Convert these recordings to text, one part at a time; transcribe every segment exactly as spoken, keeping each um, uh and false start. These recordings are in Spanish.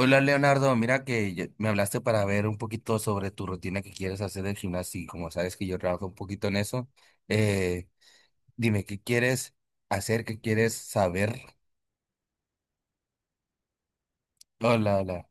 Hola Leonardo, mira que yo- me hablaste para ver un poquito sobre tu rutina que quieres hacer del gimnasio y como sabes que yo trabajo un poquito en eso, eh, dime qué quieres hacer, qué quieres saber. Hola, hola.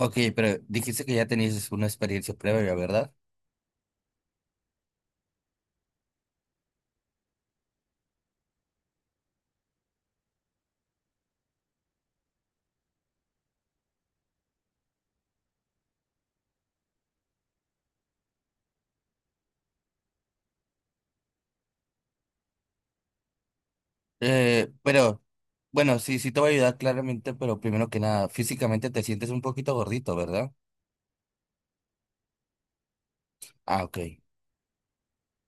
Ok, pero dijiste que ya tenías una experiencia previa, ¿verdad? Eh, pero bueno, sí, sí te voy a ayudar claramente, pero primero que nada, físicamente te sientes un poquito gordito, ¿verdad? Ah, ok.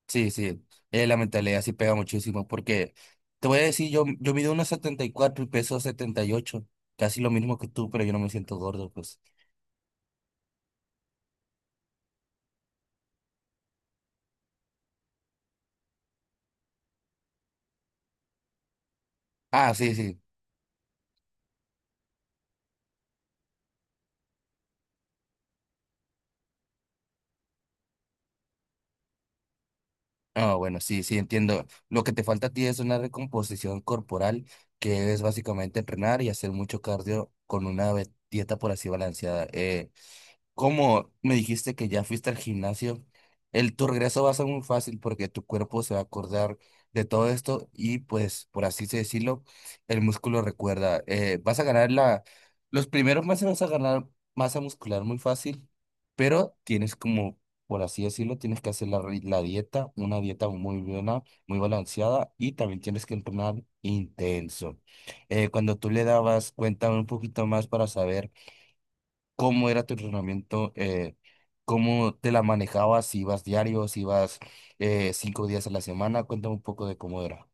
Sí, sí, eh, la mentalidad sí pega muchísimo porque te voy a decir, yo, yo mido unos setenta y cuatro y peso setenta y ocho, casi lo mismo que tú, pero yo no me siento gordo, pues. Ah, sí, sí. Ah, bueno, sí, sí, entiendo. Lo que te falta a ti es una recomposición corporal, que es básicamente entrenar y hacer mucho cardio con una ve- dieta por así balanceada. Eh, Como me dijiste que ya fuiste al gimnasio, el tu regreso va a ser muy fácil porque tu cuerpo se va a acordar de todo esto y pues por así se decirlo, el músculo recuerda. Eh, vas a ganar la, los primeros meses vas a ganar masa muscular muy fácil, pero tienes como, por así decirlo, tienes que hacer la, ri- la dieta, una dieta muy buena, muy balanceada y también tienes que entrenar intenso. Eh, cuando tú le dabas, cuéntame un poquito más para saber cómo era tu entrenamiento, eh, cómo te la manejabas, si ibas diario, si ibas eh, cinco días a la semana. Cuéntame un poco de cómo era.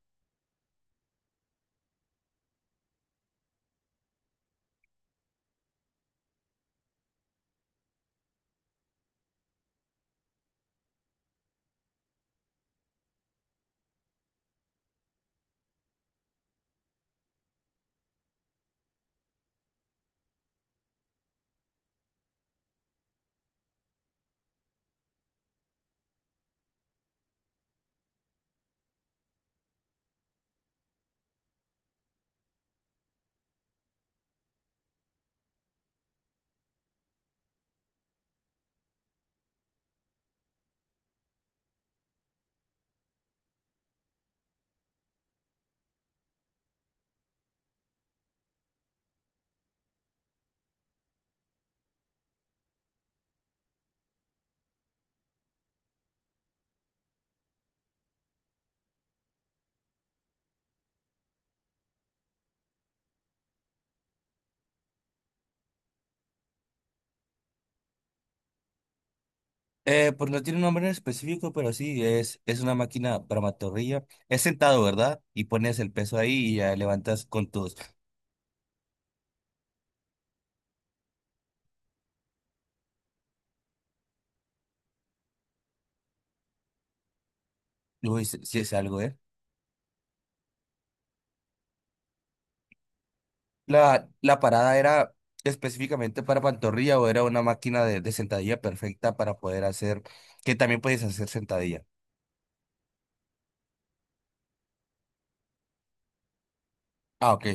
Eh, pues no tiene un nombre en específico, pero sí, es, es una máquina para pantorrilla. Es sentado, ¿verdad? Y pones el peso ahí y ya levantas con tus... Uy, si si es algo, ¿eh? La, la parada era específicamente para pantorrilla o era una máquina de, de sentadilla perfecta para poder hacer, que también puedes hacer sentadilla. Ah, ok.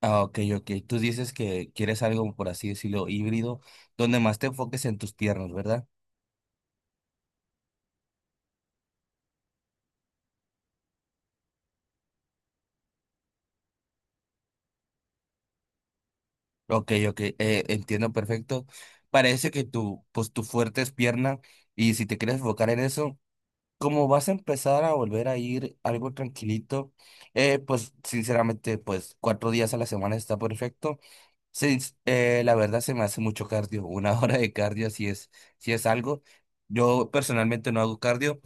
Ah, ok, ok. Tú dices que quieres algo, por así decirlo, híbrido, donde más te enfoques en tus piernas, ¿verdad? Ok, ok, eh, entiendo perfecto. Parece que tu, pues tu fuerte es pierna y si te quieres enfocar en eso, como vas a empezar a volver a ir algo tranquilito, eh, pues sinceramente, pues cuatro días a la semana está perfecto. Sí, eh, la verdad se me hace mucho cardio, una hora de cardio si es, si es algo. Yo personalmente no hago cardio,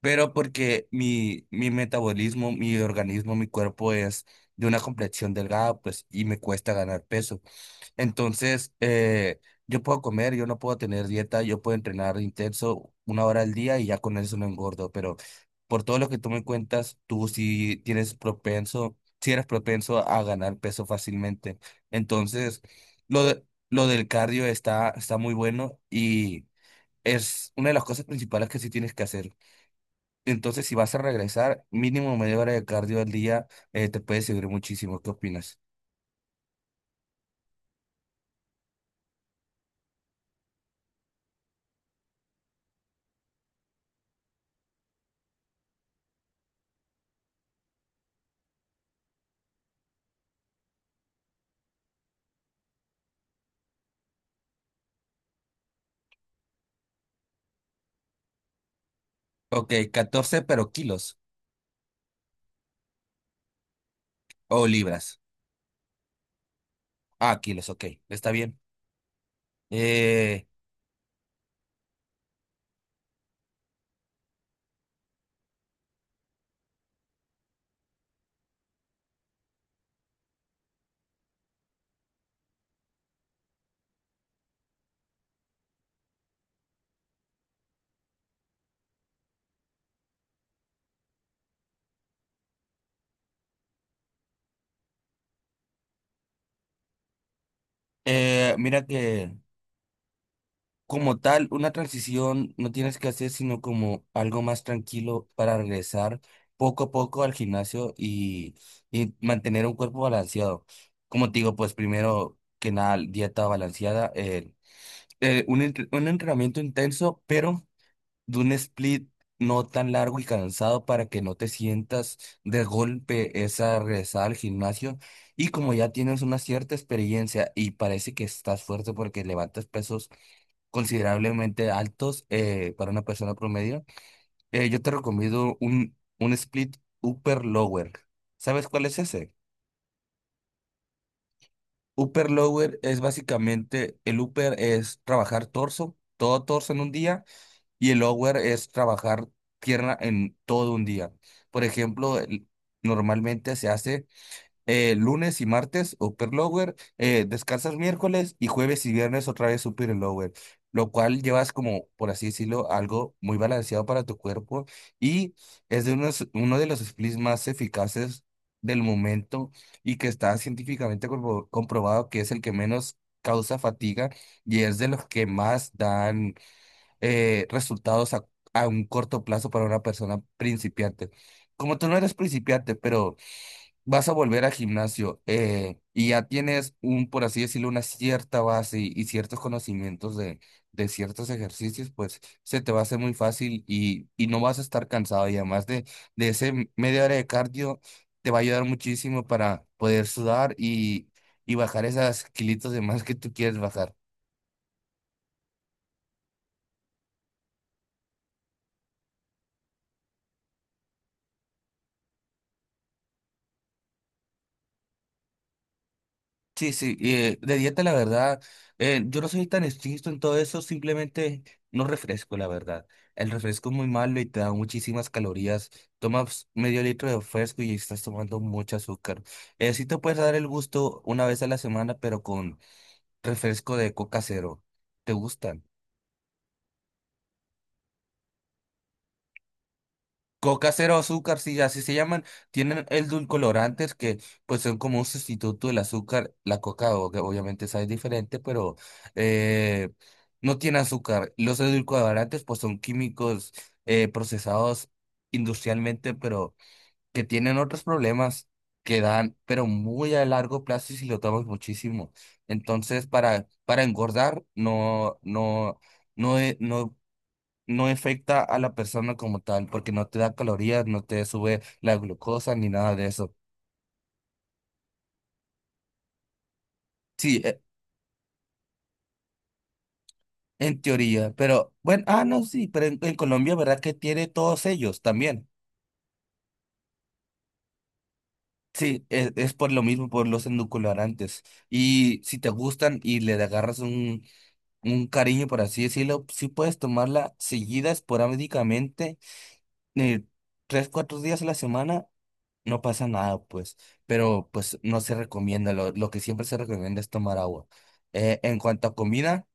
pero porque mi, mi metabolismo, mi organismo, mi cuerpo es de una complexión delgada, pues, y me cuesta ganar peso. Entonces, eh, yo puedo comer, yo no puedo tener dieta, yo puedo entrenar intenso una hora al día y ya con eso no engordo, pero por todo lo que tú me cuentas, tú sí tienes propenso, sí eres propenso a ganar peso fácilmente. Entonces, lo de- lo del cardio está, está muy bueno y es una de las cosas principales que sí tienes que hacer. Entonces, si vas a regresar, mínimo media hora de cardio al día, eh, te puede servir muchísimo. ¿Qué opinas? Ok, catorce pero kilos o libras. Ah, kilos, ok, está bien. Eh, eh, mira que como tal, una transición no tienes que hacer, sino como algo más tranquilo para regresar poco a poco al gimnasio y, y mantener un cuerpo balanceado. Como te digo, pues primero que nada, dieta balanceada, eh, eh, un, entre- un entrenamiento intenso, pero de un split no tan largo y cansado para que no te sientas de golpe esa regresada al gimnasio. Y como ya tienes una cierta experiencia y parece que estás fuerte porque levantas pesos considerablemente altos, eh, para una persona promedio, eh, yo te recomiendo un, un split upper lower. ¿Sabes cuál es ese? Upper lower es básicamente, el upper es trabajar torso, todo torso en un día. Y el hour es trabajar tierra en todo un día. Por ejemplo, el- normalmente se hace eh, lunes y martes upper lower, eh, descansas miércoles y jueves y viernes otra vez upper y lower, lo cual llevas como, por así decirlo, algo muy balanceado para tu cuerpo y es de unos, uno de los splits más eficaces del momento y que está científicamente compro- comprobado que es el que menos causa fatiga y es de los que más dan eh, resultados a, a un corto plazo para una persona principiante. Como tú no eres principiante, pero vas a volver al gimnasio, eh, y ya tienes un, por así decirlo, una cierta base y, y ciertos conocimientos de, de ciertos ejercicios, pues se te va a hacer muy fácil y, y no vas a estar cansado. Y además de, de ese media hora de cardio, te va a ayudar muchísimo para poder sudar y, y bajar esas kilitos de más que tú quieres bajar. Sí, sí, y, eh, de dieta la verdad, eh, yo no soy tan estricto en todo eso, simplemente no refresco, la verdad. El refresco es muy malo y te da muchísimas calorías. Tomas medio litro de refresco y estás tomando mucho azúcar. Eh, sí te puedes dar el gusto una vez a la semana, pero con refresco de coca cero. ¿Te gusta? Coca cero azúcar, sí, así se llaman, tienen edulcorantes que pues son como un sustituto del azúcar. La coca o- que obviamente sabe diferente, pero eh, no tiene azúcar. Los edulcorantes pues son químicos, eh, procesados industrialmente, pero que tienen otros problemas que dan, pero muy a largo plazo y si lo tomas muchísimo. Entonces, para, para engordar, no, no, no, eh, no no afecta a la persona como tal, porque no te da calorías, no te sube la glucosa ni nada de eso. Sí, e- en teoría, pero bueno, ah, no, sí, pero en, en Colombia, ¿verdad que tiene todos ellos también? Sí, e- es, por lo mismo, por los endulcorantes. Y si te gustan y le agarras un, un cariño, por así decirlo, sí puedes tomarla seguida esporádicamente, eh, tres, cuatro días a la semana. No pasa nada, pues, pero pues no se recomienda, lo, lo que siempre se recomienda es tomar agua. Eh, en cuanto a comida,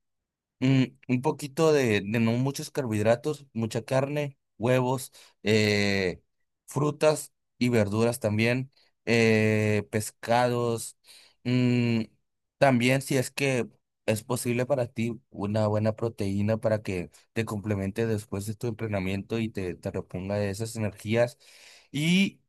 mm, un poquito de, de no muchos carbohidratos, mucha carne, huevos, eh, frutas y verduras también, eh, pescados, mm, también si es que es posible para ti una buena proteína para que te complemente después de tu entrenamiento y te, te reponga de esas energías. Y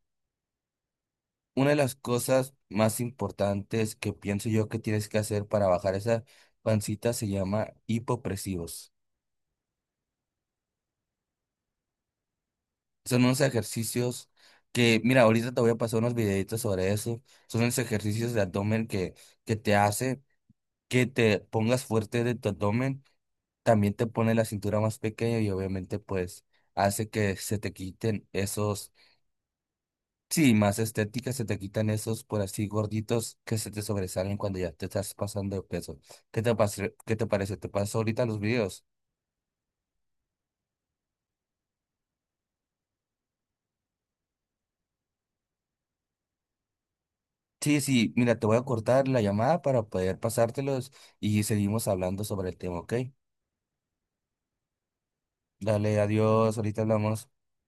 una de las cosas más importantes que pienso yo que tienes que hacer para bajar esa pancita se llama hipopresivos. Son unos ejercicios que, mira, ahorita te voy a pasar unos videitos sobre eso. Son unos ejercicios de abdomen que, que te hace que te pongas fuerte de tu abdomen. También te pone la cintura más pequeña y obviamente pues hace que se te quiten esos. Sí, más estética, se te quitan esos por así gorditos que se te sobresalen cuando ya te estás pasando de peso. ¿Qué te parece? ¿Qué te parece? ¿Te paso ahorita los videos? Sí, sí, mira, te voy a cortar la llamada para poder pasártelos y seguimos hablando sobre el tema, ¿ok? Dale, adiós, ahorita hablamos.